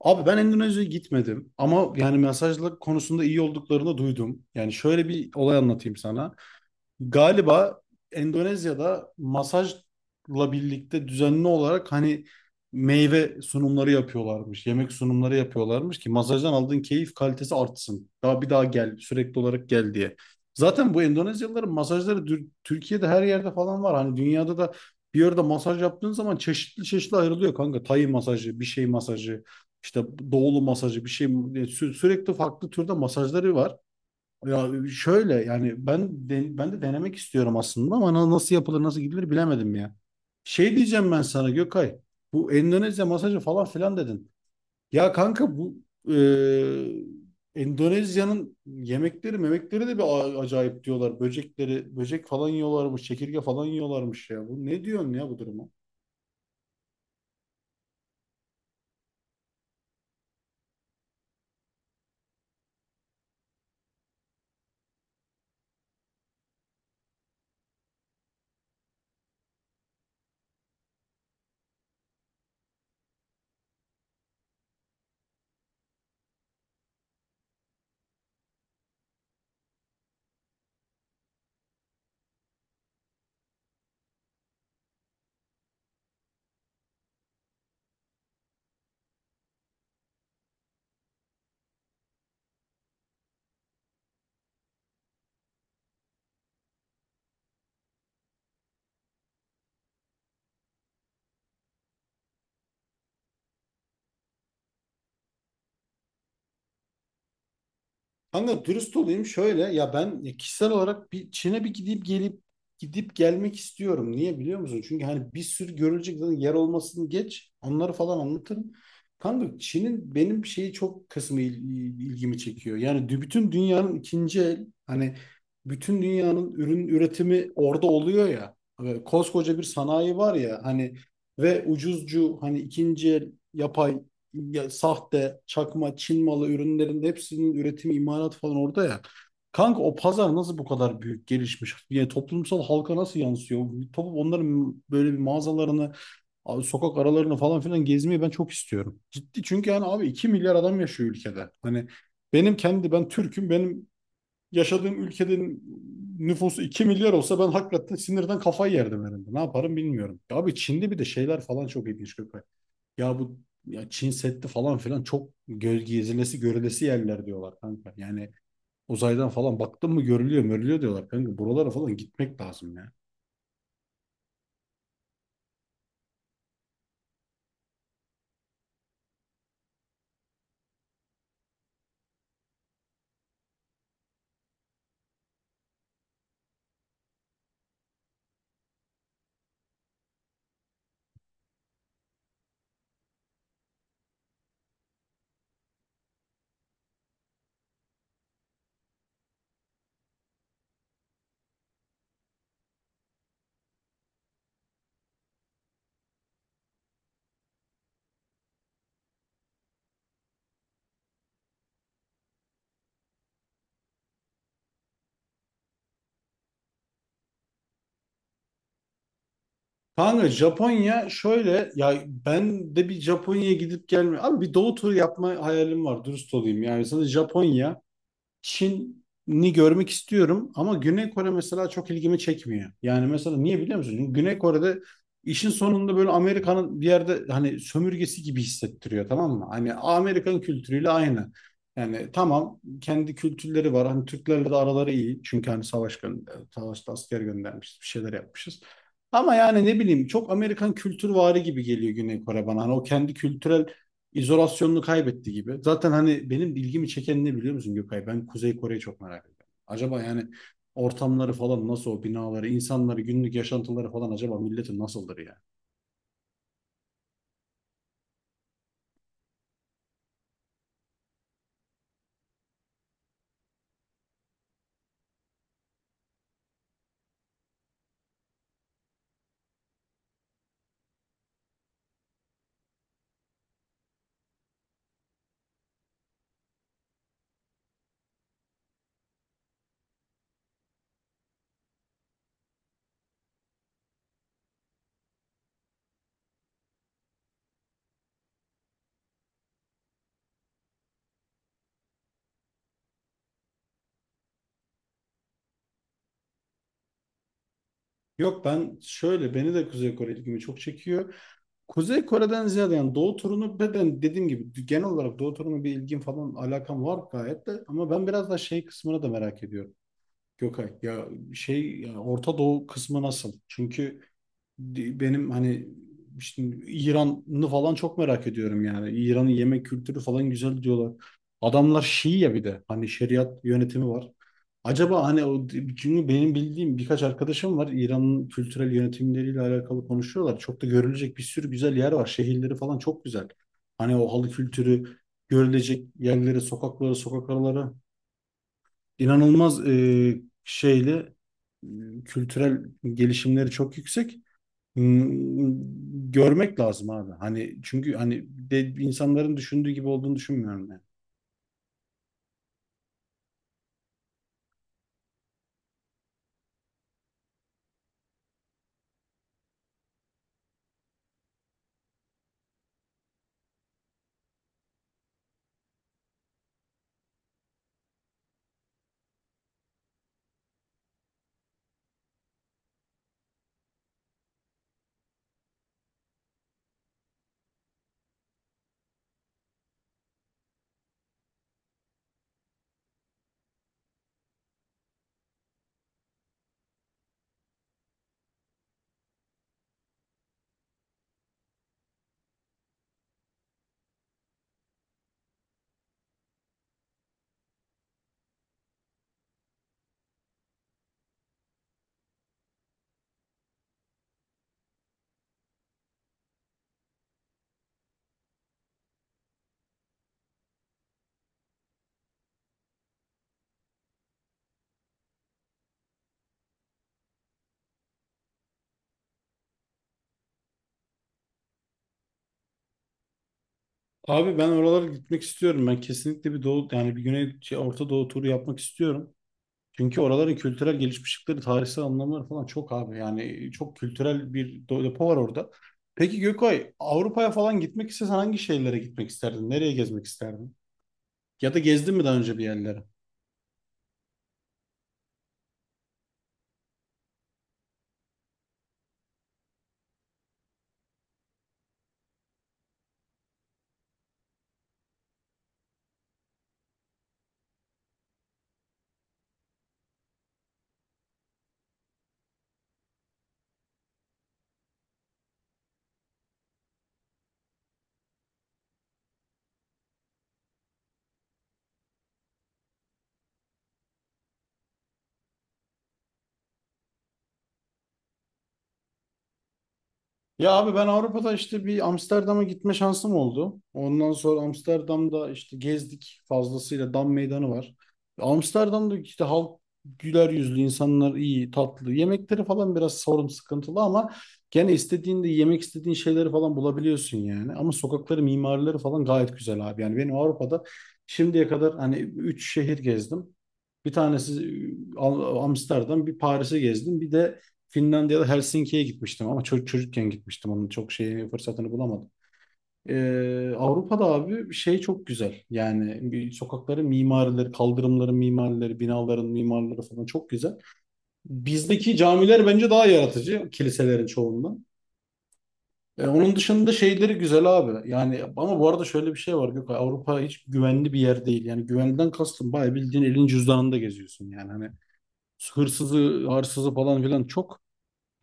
Abi ben Endonezya'ya gitmedim ama yani mesajlık konusunda iyi olduklarını duydum. Yani şöyle bir olay anlatayım sana. Galiba Endonezya'da masajla birlikte düzenli olarak hani meyve sunumları yapıyorlarmış, yemek sunumları yapıyorlarmış ki masajdan aldığın keyif kalitesi artsın. Daha bir daha gel, sürekli olarak gel diye. Zaten bu Endonezyalıların masajları Türkiye'de her yerde falan var. Hani dünyada da bir yerde masaj yaptığın zaman çeşitli çeşitli ayrılıyor kanka. Tay masajı, bir şey masajı, işte doğulu masajı, bir şey sürekli farklı türde masajları var. Ya şöyle yani ben de denemek istiyorum aslında ama nasıl yapılır nasıl gidilir bilemedim ya. Şey diyeceğim ben sana Gökay. Bu Endonezya masajı falan filan dedin. Ya kanka bu Endonezya'nın yemekleri memekleri de bir acayip diyorlar. Böcekleri böcek falan yiyorlarmış, çekirge falan yiyorlarmış ya. Bu ne diyorsun ya bu duruma? Kanka dürüst olayım şöyle ya ben kişisel olarak bir Çin'e bir gidip gelmek istiyorum. Niye biliyor musun? Çünkü hani bir sürü görülecek zaten yer olmasını geç onları falan anlatırım. Kanka Çin'in benim şeyi çok kısmı ilgimi çekiyor. Yani bütün dünyanın ikinci el hani bütün dünyanın ürün üretimi orada oluyor ya. Ve koskoca bir sanayi var ya hani ve ucuzcu hani ikinci el yapay ya, sahte, çakma, Çin malı ürünlerin hepsinin üretimi, imalat falan orada ya. Kanka o pazar nasıl bu kadar büyük gelişmiş? Yani toplumsal halka nasıl yansıyor? Toplum onların böyle bir mağazalarını, abi sokak aralarını falan filan gezmeyi ben çok istiyorum. Ciddi çünkü yani abi 2 milyar adam yaşıyor ülkede. Hani benim kendi ben Türk'üm. Benim yaşadığım ülkenin nüfusu 2 milyar olsa ben hakikaten sinirden kafayı yerdim herhalde. Ne yaparım bilmiyorum. Ya abi Çin'de bir de şeyler falan çok ilginç Gökay. Ya bu ya Çin Seddi falan filan çok göz gezilesi görülesi yerler diyorlar kanka. Yani uzaydan falan baktın mı görülüyor mörülüyor diyorlar kanka. Buralara falan gitmek lazım ya. Kanka Japonya şöyle ya ben de bir Japonya'ya gidip gelme. Abi bir doğu turu yapma hayalim var dürüst olayım. Yani sana Japonya Çin'i görmek istiyorum ama Güney Kore mesela çok ilgimi çekmiyor. Yani mesela niye biliyor musun? Çünkü Güney Kore'de işin sonunda böyle Amerika'nın bir yerde hani sömürgesi gibi hissettiriyor, tamam mı? Hani Amerikan kültürüyle aynı. Yani tamam kendi kültürleri var. Hani Türklerle de araları iyi. Çünkü hani savaş gönder, savaşta asker göndermişiz, bir şeyler yapmışız. Ama yani ne bileyim çok Amerikan kültürvari gibi geliyor Güney Kore bana. Hani o kendi kültürel izolasyonunu kaybetti gibi. Zaten hani benim ilgimi çeken ne biliyor musun Gökay? Ben Kuzey Kore'yi çok merak ediyorum. Acaba yani ortamları falan nasıl, o binaları, insanları, günlük yaşantıları falan acaba milletin nasıldır yani? Yok ben şöyle beni de Kuzey Kore ilgimi çok çekiyor. Kuzey Kore'den ziyade yani Doğu turunu ve ben dediğim gibi genel olarak Doğu turuna bir ilgim falan alakam var gayet de ama ben biraz da şey kısmına da merak ediyorum. Gökay ya şey ya Orta Doğu kısmı nasıl? Çünkü benim hani işte İran'ı falan çok merak ediyorum yani. İran'ın yemek kültürü falan güzel diyorlar. Adamlar Şii ya bir de hani şeriat yönetimi var. Acaba hani o çünkü benim bildiğim birkaç arkadaşım var, İran'ın kültürel yönetimleriyle alakalı konuşuyorlar. Çok da görülecek bir sürü güzel yer var. Şehirleri falan çok güzel. Hani o halı kültürü, görülecek yerleri, sokakları, sokak araları inanılmaz e, kültürel gelişimleri çok yüksek. Hmm, görmek lazım abi. Hani çünkü insanların düşündüğü gibi olduğunu düşünmüyorum yani. Abi ben oralara gitmek istiyorum. Ben kesinlikle bir doğu yani bir güney şey, Orta Doğu turu yapmak istiyorum. Çünkü oraların kültürel gelişmişlikleri, tarihsel anlamları falan çok abi. Yani çok kültürel bir depo var orada. Peki Gökay, Avrupa'ya falan gitmek istesen hangi şehirlere gitmek isterdin? Nereye gezmek isterdin? Ya da gezdin mi daha önce bir yerlere? Ya abi ben Avrupa'da işte bir Amsterdam'a gitme şansım oldu. Ondan sonra Amsterdam'da işte gezdik fazlasıyla, Dam Meydanı var. Amsterdam'da işte halk güler yüzlü, insanlar iyi, tatlı. Yemekleri falan biraz sorun sıkıntılı ama gene istediğinde yemek istediğin şeyleri falan bulabiliyorsun yani. Ama sokakları, mimarileri falan gayet güzel abi. Yani benim Avrupa'da şimdiye kadar hani 3 şehir gezdim. Bir tanesi Amsterdam, bir Paris'i gezdim. Bir de Finlandiya'da Helsinki'ye gitmiştim ama çocukken gitmiştim. Onun çok şeyi fırsatını bulamadım. Avrupa'da abi şey çok güzel. Yani bir sokakların mimarileri, kaldırımların mimarileri, binaların mimarları falan çok güzel. Bizdeki camiler bence daha yaratıcı kiliselerin çoğundan. Onun dışında şeyleri güzel abi. Yani ama bu arada şöyle bir şey var Gökay. Avrupa hiç güvenli bir yer değil. Yani güvenden kastım bayağı bildiğin elin cüzdanında geziyorsun yani. Hani hırsızı, hırsızı falan filan çok.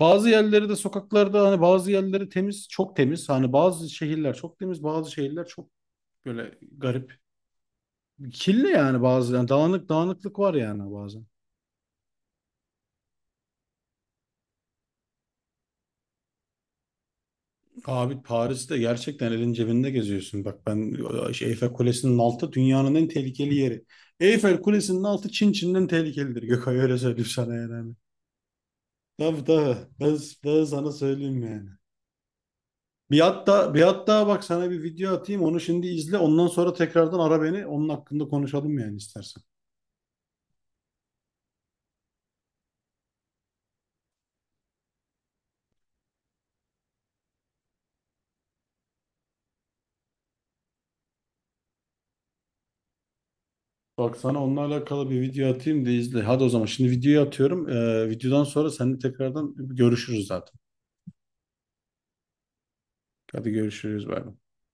Bazı yerleri de sokaklarda hani bazı yerleri temiz, çok temiz. Hani bazı şehirler çok temiz, bazı şehirler çok böyle garip. Kirli yani, bazı yani dağınık, dağınıklık var yani bazen. Abi Paris'te gerçekten elin cebinde geziyorsun. Bak ben şey, Eyfel Kulesi'nin altı dünyanın en tehlikeli yeri. Eyfel Kulesi'nin altı Çin'den tehlikelidir. Gökay öyle söyleyeyim sana yani. Hani. Tabii, tabii. Ben sana söyleyeyim yani. Bir hatta bak sana bir video atayım, onu şimdi izle ondan sonra tekrardan ara beni, onun hakkında konuşalım yani istersen. Bak sana onunla alakalı bir video atayım da izle. Hadi o zaman şimdi videoyu atıyorum. Videodan sonra seninle tekrardan görüşürüz zaten. Hadi görüşürüz. Bay bay.